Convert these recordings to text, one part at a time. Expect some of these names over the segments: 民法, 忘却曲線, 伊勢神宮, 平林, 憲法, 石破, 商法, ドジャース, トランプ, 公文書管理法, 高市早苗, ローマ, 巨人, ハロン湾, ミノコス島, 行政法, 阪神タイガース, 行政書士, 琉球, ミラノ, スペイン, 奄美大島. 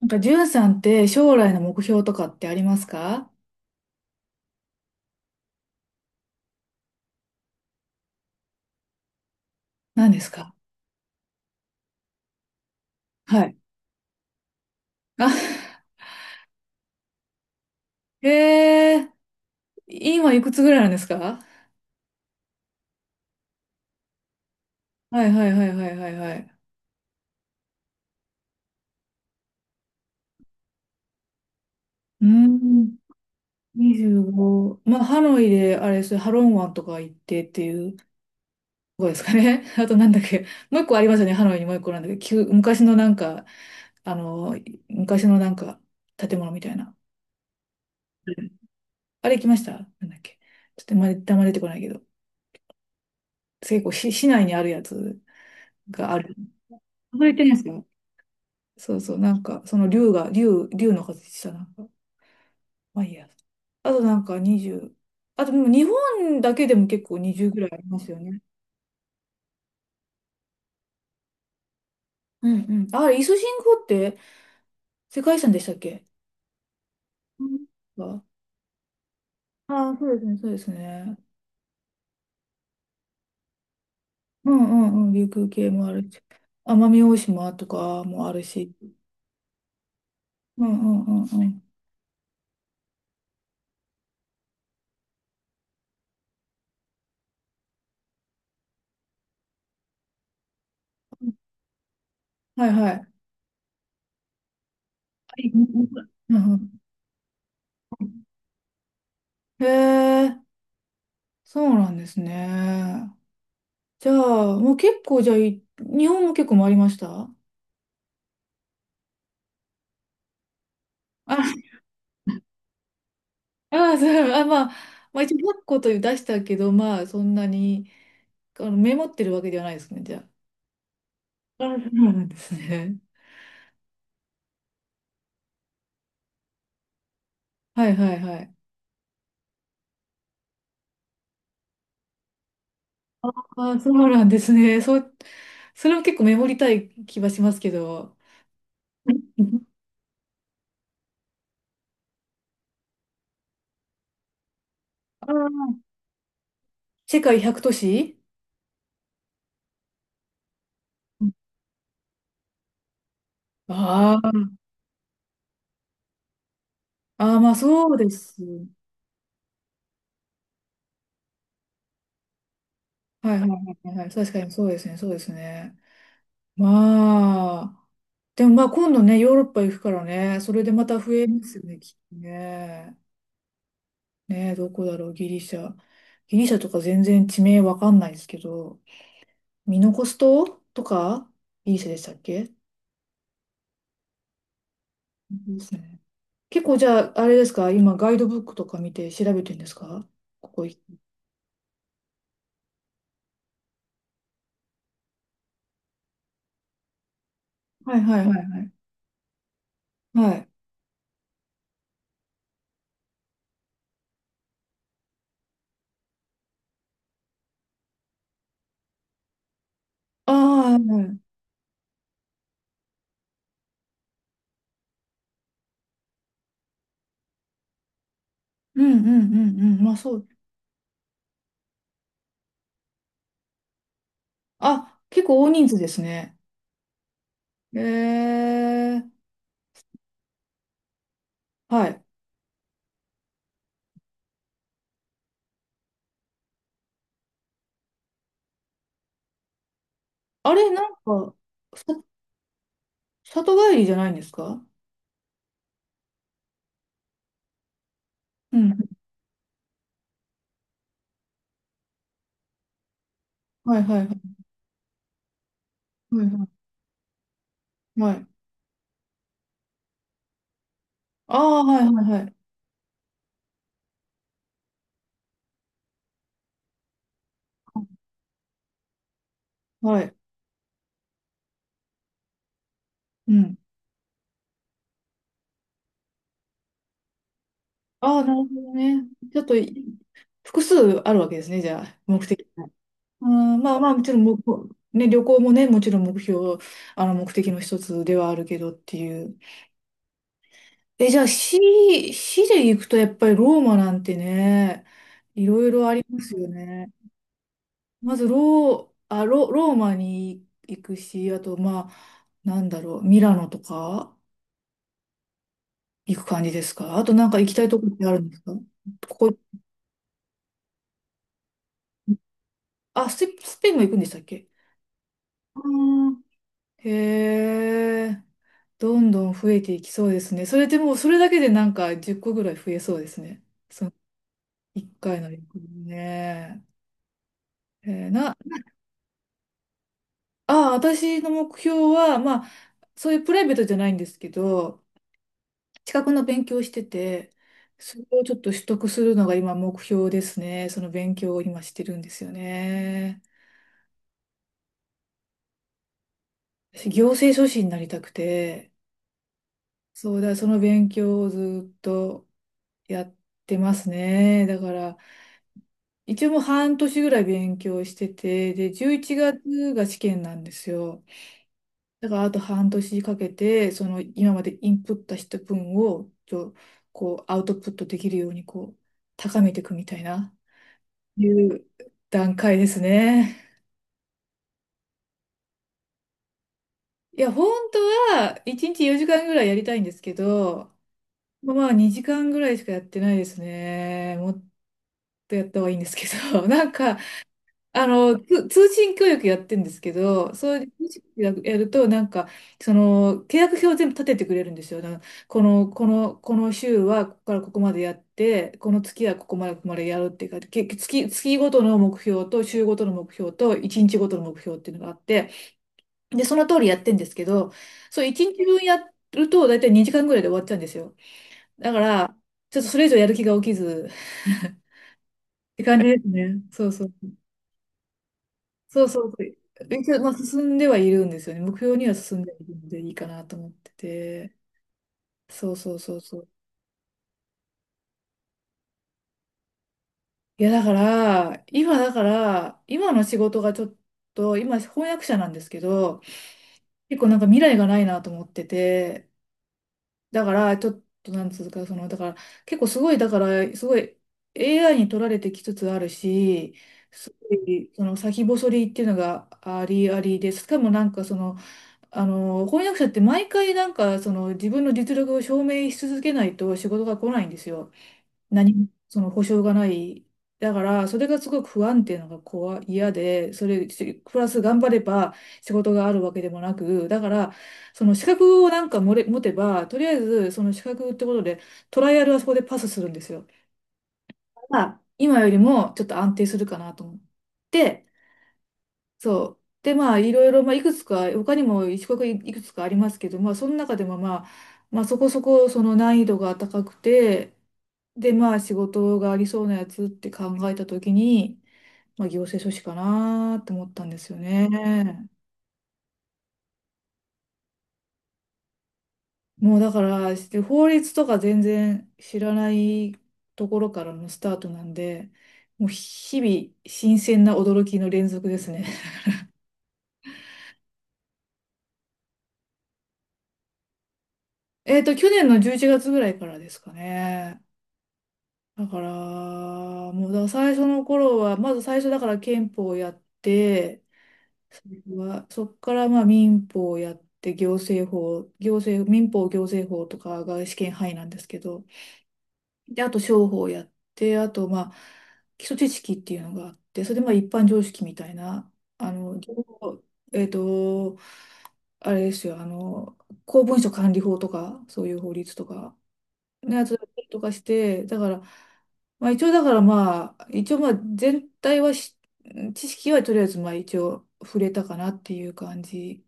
じゅんさんって将来の目標とかってありますか？何ですか？はい。あ、えー、今いくつぐらいなんですか？はいはいはいはいはいはい。うーん、25。まあ、ハノイで、あれですね、ハロン湾とか行ってっていうとこですかね。あとなんだっけ、もう一個ありますよね。ハノイにもう一個なんだっけ、旧昔のなんか、あの、昔のなんか、建物みたいな。うん、あれ行きました？なんだっけ。ちょっとまだ、あんま出てこないけど。結構市内にあるやつがある。覗いてるんですよ。そうそう、その竜が、竜の形した、なんか、まあいいや。あとなんか20、あとでも日本だけでも結構20ぐらいありますよね。うん、うん。ああれ、伊勢神宮って世界遺産でしたっけ？うん、ああ、そうですね、そうですね。うんうんうん、琉球系もあるし、奄美大島とかもあるし。うんうんうんうん。はいはい。はい、うん、うん、へえ、そうなんですね。じゃあ、もう結構、じゃあ、日本も結構回りました？あ、あ、そう、あ、まあ、まあ、一応1 0という出したけど、まあ、そんなに、メモってるわけではないですね、じゃあ。あ、そうなんですね。はいはいはい。あ、あ、そうなんですね。そう、それも結構メモりたい気はしますけど。うん、あー、世界100都市、ああー、あー、まあそうです。はいはいはいはい。確かにそうですね、そうですね。まあ、でもまあ今度ね、ヨーロッパ行くからね、それでまた増えますよね、きっとね。ねえ、どこだろう、ギリシャ。ギリシャとか全然地名わかんないですけど、ミノコス島とか、ギリシャでしたっけ？そうですね。結構じゃあ、あれですか、今ガイドブックとか見て調べてるんですか？ここい。はいはいはいはい。はい。ああ、はいはい、うん、うんうんうん、まあそう。あ、結構大人数ですね。えー、はい。あれ、なんか、さ、里帰りじゃないんですか？うん。はいはいはい。はいはい。はい。ああ、はいはいはい。はい。うん。ああ、なるほどね。ちょっと複数あるわけですね、じゃあ、目的が。うん、まあまあ、もちろんもう、ね、旅行もね、もちろん目標、目的の一つではあるけどっていう。え、じゃあ、市、市で行くとやっぱりローマなんてね、いろいろありますよね。まずロー、あ、ロ、ローマに行くし、あと、まあ、なんだろう、ミラノとか行く感じですか？あとなんか行きたいとこってあるんですか？ここ、あ、スペ、スペインも行くんでしたっけ？あー、へえ、どんどん増えていきそうですね。それでもうそれだけでなんか10個ぐらい増えそうですね。その1回の旅行ね。えーな、あ、私の目標は、まあ、そういうプライベートじゃないんですけど、資格の勉強をしてて、それをちょっと取得するのが今目標ですね。その勉強を今してるんですよね。私、行政書士になりたくて、そうだ、その勉強をずっとやってますね。だから、一応もう半年ぐらい勉強してて、で、11月がつが試験なんですよ。だから、あと半年かけて、その今までインプットした分を、ちょこう、アウトプットできるように、こう、高めていくみたいな。いう段階ですね。いや、本当は1日4時間ぐらいやりたいんですけど、まあまあ2時間ぐらいしかやってないですね。もっとやった方がいいんですけど、なんか、通信教育やってるんですけど、そういうやると、なんか、その、契約表を全部立ててくれるんですよ。なんかこの、この週はここからここまでやって、この月はここまで、ここまでやるっていうか、月、月ごとの目標と、週ごとの目標と、1日ごとの目標っていうのがあって、で、その通りやってんですけど、そう、1日分やると、だいたい2時間ぐらいで終わっちゃうんですよ。だから、ちょっとそれ以上やる気が起きず、って感じですね。そうそう。そうそう。一応、まあ、進んではいるんですよね。目標には進んではいるのでいいかなと思ってて。そうそうそうそう。いや、だから、今だから、今の仕事がちょっと、今翻訳者なんですけど、結構なんか未来がないなと思ってて、だから、ちょっと、なんつうか、その、だから、結構すごい、だから、すごい AI に取られてきつつあるし、すごい、その先細りっていうのがありありで、しかもなんかその、翻訳者って毎回なんか、その自分の実力を証明し続けないと仕事が来ないんですよ。何もその保証がない。だから、それがすごく不安定なのが怖い、嫌で、それ、プラス頑張れば仕事があるわけでもなく、だから、その資格をなんか持てば、とりあえず、その資格ってことで、トライアルはそこでパスするんですよ。まあ、今よりもちょっと安定するかなと思って、そう。で、まあ、いろいろ、まあ、いくつか、他にもいくつかありますけど、まあ、その中でも、まあ、まあ、そこそこ、その難易度が高くて、で、まあ、仕事がありそうなやつって考えたときに、まあ、行政書士かなって思ったんですよね。もう、だから、法律とか全然知らないところからのスタートなんで、もう、日々、新鮮な驚きの連続ですね。去年の11月ぐらいからですかね。だから、もうだから最初の頃は、まず最初だから憲法をやって、そこからまあ民法をやって、行政法、行政、民法行政法とかが試験範囲なんですけど、で、あと商法をやって、あとまあ基礎知識っていうのがあって、それでまあ一般常識みたいな、情報えっと、あれですよ、公文書管理法とか、そういう法律とか、ね、やつだったりとかして、だから、まあ一応だからまあ、一応まあ全体は知識はとりあえずまあ一応触れたかなっていう感じ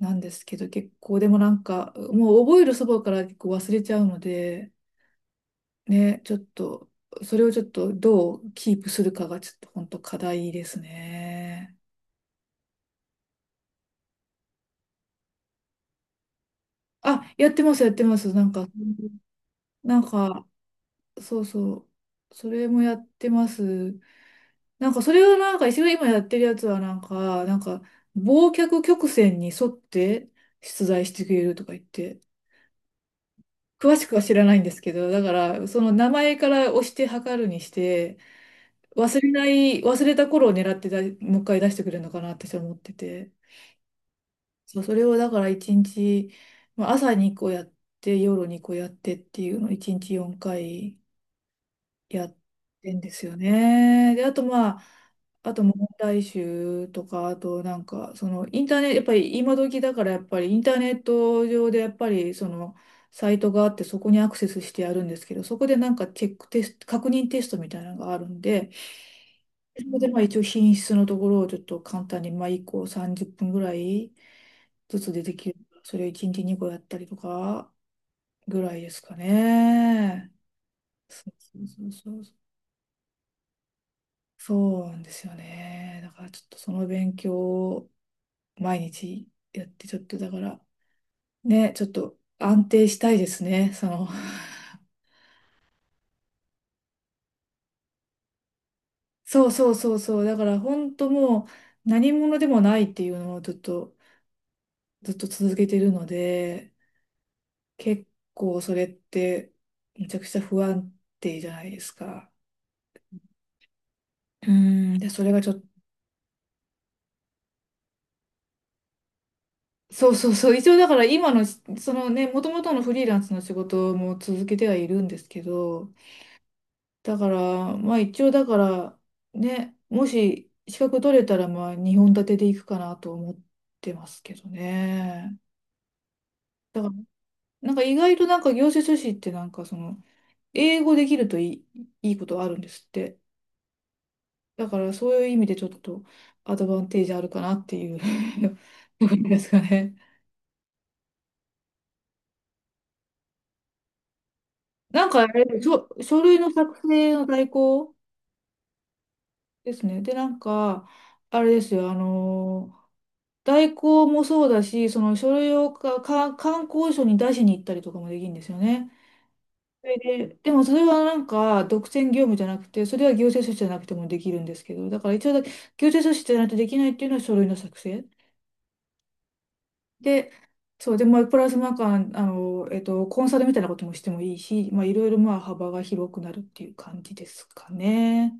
なんですけど、結構でもなんか、もう覚えるそばから結構忘れちゃうので、ね、ちょっと、それをちょっとどうキープするかがちょっと本当課題ですね。あ、やってます、やってます。なんか、なんか、そうそう。それもやってます。なんかそれをなんか一応今やってるやつはなんか、なんか、忘却曲線に沿って出題してくれるとか言って、詳しくは知らないんですけど、だからその名前から押して測るにして、忘れない、忘れた頃を狙ってだ、もう一回出してくれるのかなって私は思ってて、そう、それをだから一日、まあ、朝にこ個やって、夜にこ個やってっていうのを一日4回。やってんですよね。で、あとまあ、あと問題集とか、あとなんか、そのインターネット、やっぱり今時だからやっぱりインターネット上でやっぱりそのサイトがあってそこにアクセスしてやるんですけど、そこでなんかチェックテスト、確認テストみたいなのがあるんで、そこでまあ一応品質のところをちょっと簡単にまあ1個30分ぐらいずつ出てきる。それを1日2個やったりとかぐらいですかね。そうそうそうそう。そうなんですよね。だからちょっとその勉強を毎日やって、ちょっとだから、ね、ちょっと安定したいですね。その、そうそうそうそう。だから本当もう何者でもないっていうのをずっと、ずっと続けてるので、結構それってめちゃくちゃ不安定じゃないですか。うん。で、それがちょっと、そうそうそう。一応だから今の、そのね、もともとのフリーランスの仕事も続けてはいるんですけど、だから、まあ一応だから、ね、もし資格取れたら、まあ2本立てでいくかなと思ってますけどね。だから、なんか意外となんか行政書士ってなんかその、英語できるといい、いいことあるんですって。だからそういう意味でちょっとアドバンテージあるかなっていう ところですかね。なんかあれ、書、書類の作成の代行ですね。で、なんか、あれですよ、代行もそうだし、その書類を観光所に出しに行ったりとかもできるんですよね。それで、でもそれはなんか独占業務じゃなくて、それは行政書士じゃなくてもできるんですけど、だから一応だ、行政書士じゃないとできないっていうのは書類の作成。で、そう、で、まあ、プラスなんか、コンサルみたいなこともしてもいいし、まあ、いろいろまあ幅が広くなるっていう感じですかね。